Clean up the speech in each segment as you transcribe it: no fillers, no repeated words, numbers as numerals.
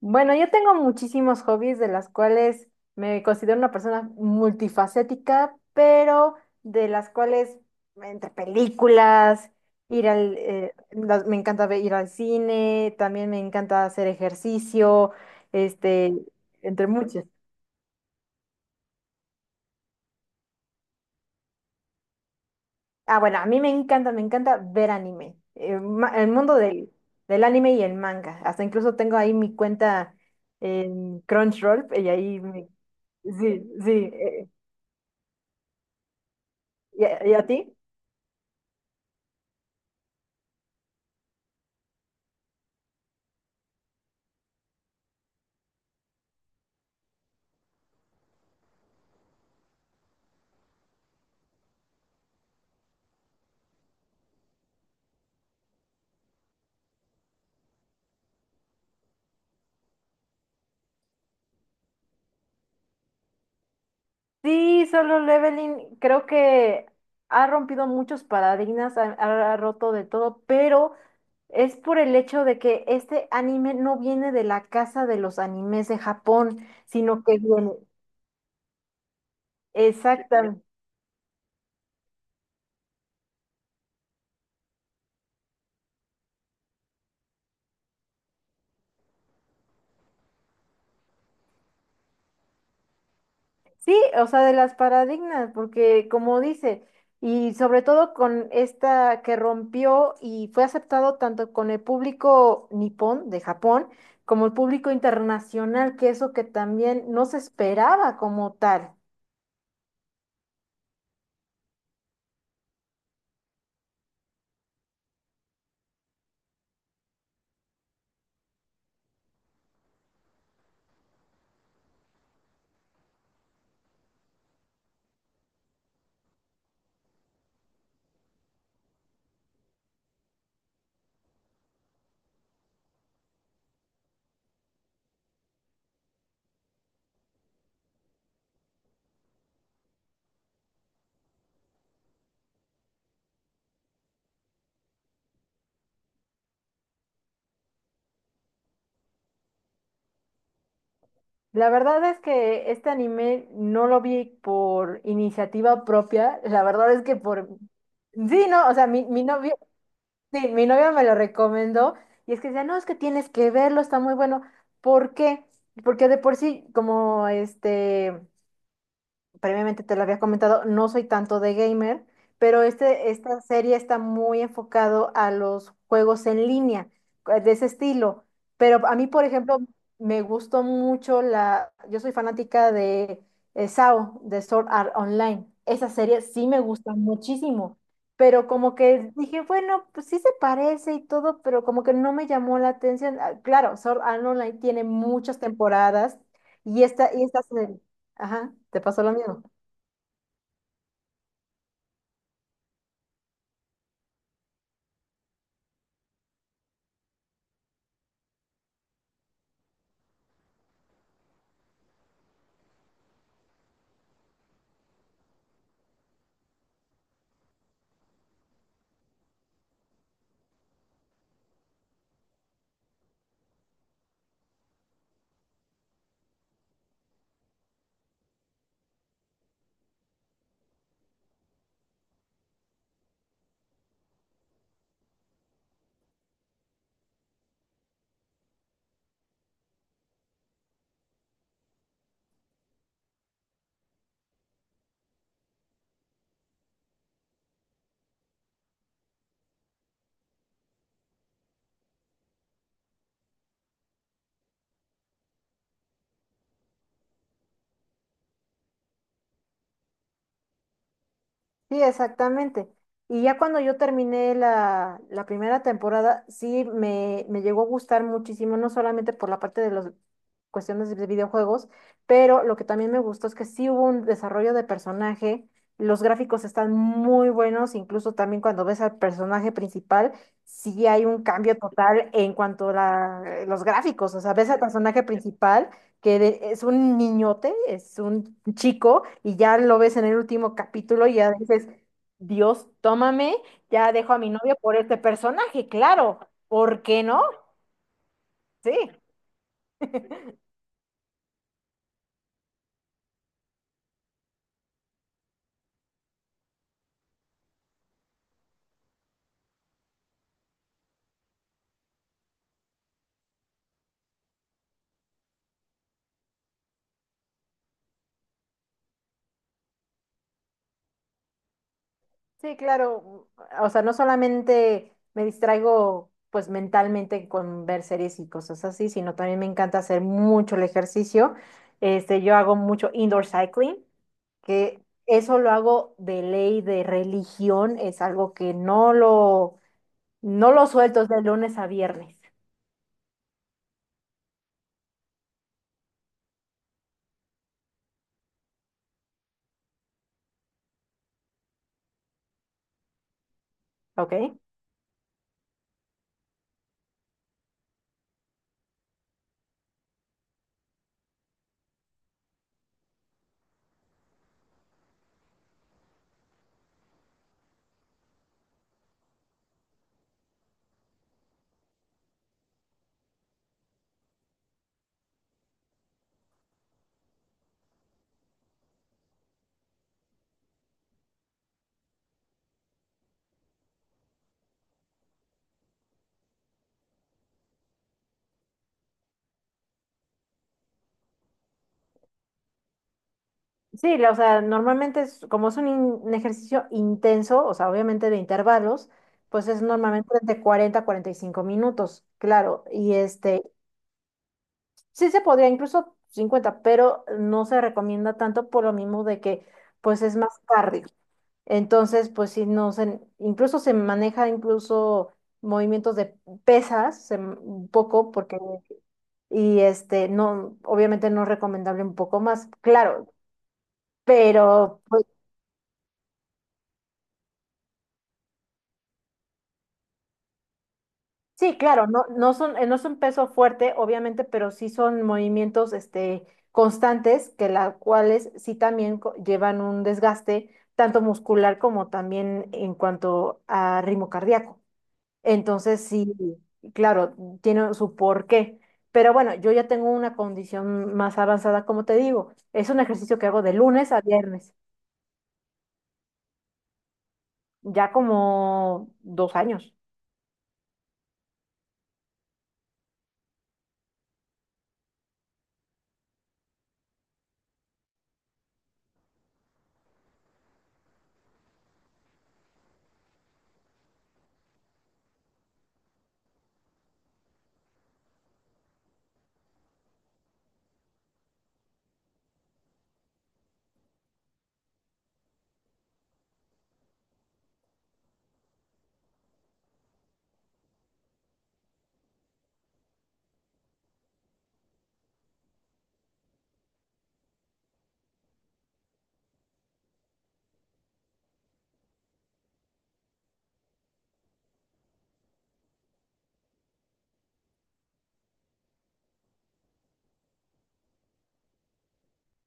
Bueno, yo tengo muchísimos hobbies, de las cuales me considero una persona multifacética, pero de las cuales, entre películas, me encanta ir al cine, también me encanta hacer ejercicio, este, entre muchos. Ah, bueno, a mí me encanta ver anime, el mundo del anime y el manga. Hasta incluso tengo ahí mi cuenta en Crunchyroll y ahí me. Sí, sí, ¿Y a ti? Sí, Solo Leveling creo que ha rompido muchos paradigmas, ha roto de todo, pero es por el hecho de que este anime no viene de la casa de los animes de Japón, sino que viene. Exactamente. Sí, o sea, de las paradigmas, porque como dice, y sobre todo con esta que rompió y fue aceptado tanto con el público nipón de Japón como el público internacional, que eso que también no se esperaba como tal. La verdad es que este anime no lo vi por iniciativa propia, la verdad es que por. Sí, no, o sea, mi novio. Sí, mi novia me lo recomendó y es que decía, no, es que tienes que verlo, está muy bueno. ¿Por qué? Porque de por sí, como previamente te lo había comentado, no soy tanto de gamer, pero esta serie está muy enfocado a los juegos en línea, de ese estilo. Pero a mí, por ejemplo, me gustó mucho yo soy fanática de SAO, de Sword Art Online. Esa serie sí me gusta muchísimo, pero como que dije, bueno, pues sí se parece y todo, pero como que no me llamó la atención. Ah, claro, Sword Art Online tiene muchas temporadas y esta serie. Ajá, te pasó lo mismo. Sí, exactamente. Y ya cuando yo terminé la primera temporada, sí me llegó a gustar muchísimo, no solamente por la parte de las cuestiones de videojuegos, pero lo que también me gustó es que sí hubo un desarrollo de personaje, los gráficos están muy buenos, incluso también cuando ves al personaje principal, sí hay un cambio total en cuanto a los gráficos, o sea, ves al personaje principal, es un niñote, es un chico, y ya lo ves en el último capítulo y ya dices: Dios, tómame, ya dejo a mi novio por este personaje, claro, ¿por qué no? Sí, sí, claro, o sea, no solamente me distraigo pues mentalmente con ver series y cosas así, sino también me encanta hacer mucho el ejercicio, yo hago mucho indoor cycling, que... Eso lo hago de ley, de religión, es algo que no lo suelto, es de lunes a viernes. ¿Ok? Sí, o sea, normalmente como es un ejercicio intenso, o sea, obviamente de intervalos, pues es normalmente de 40 a 45 minutos, claro, y sí se podría incluso 50, pero no se recomienda tanto por lo mismo de que, pues es más cardio. Entonces, pues sí, no se, incluso se maneja incluso movimientos de pesas, un poco, porque, y no, obviamente no es recomendable un poco más, claro, pero pues, sí, claro, no, no son, no es un peso fuerte, obviamente, pero sí son movimientos, constantes, que las cuales sí también llevan un desgaste, tanto muscular como también en cuanto a ritmo cardíaco. Entonces, sí, claro, tiene su porqué. Pero bueno, yo ya tengo una condición más avanzada, como te digo. Es un ejercicio que hago de lunes a viernes. Ya como 2 años.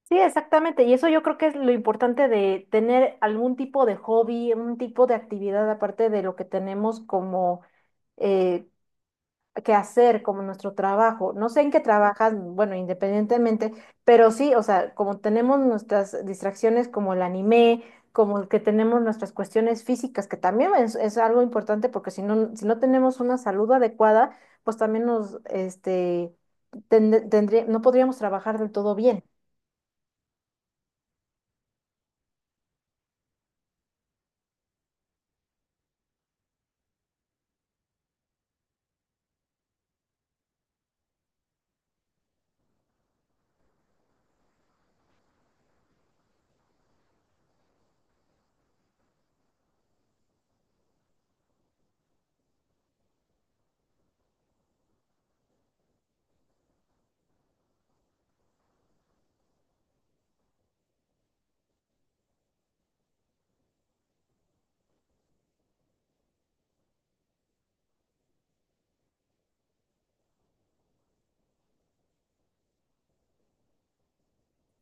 Sí, exactamente. Y eso yo creo que es lo importante de tener algún tipo de hobby, un tipo de actividad aparte de lo que tenemos como, eh, hacer, como nuestro trabajo. No sé en qué trabajas, bueno, independientemente, pero sí, o sea, como tenemos nuestras distracciones como el anime, como el que tenemos nuestras cuestiones físicas, que también es algo importante, porque si no, si no tenemos una salud adecuada, pues también nos, no podríamos trabajar del todo bien.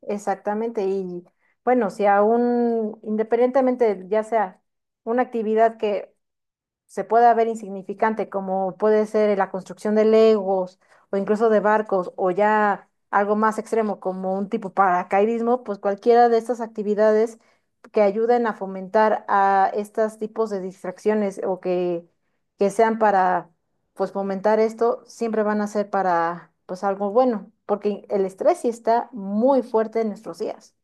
Exactamente. Y bueno, si aún, independientemente, ya sea una actividad que se pueda ver insignificante, como puede ser la construcción de legos o incluso de barcos, o ya algo más extremo como un tipo paracaidismo, pues cualquiera de estas actividades que ayuden a fomentar a estos tipos de distracciones, o que sean para pues fomentar esto, siempre van a ser para pues algo bueno, porque el estrés sí está muy fuerte en nuestros días.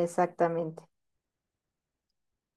Exactamente.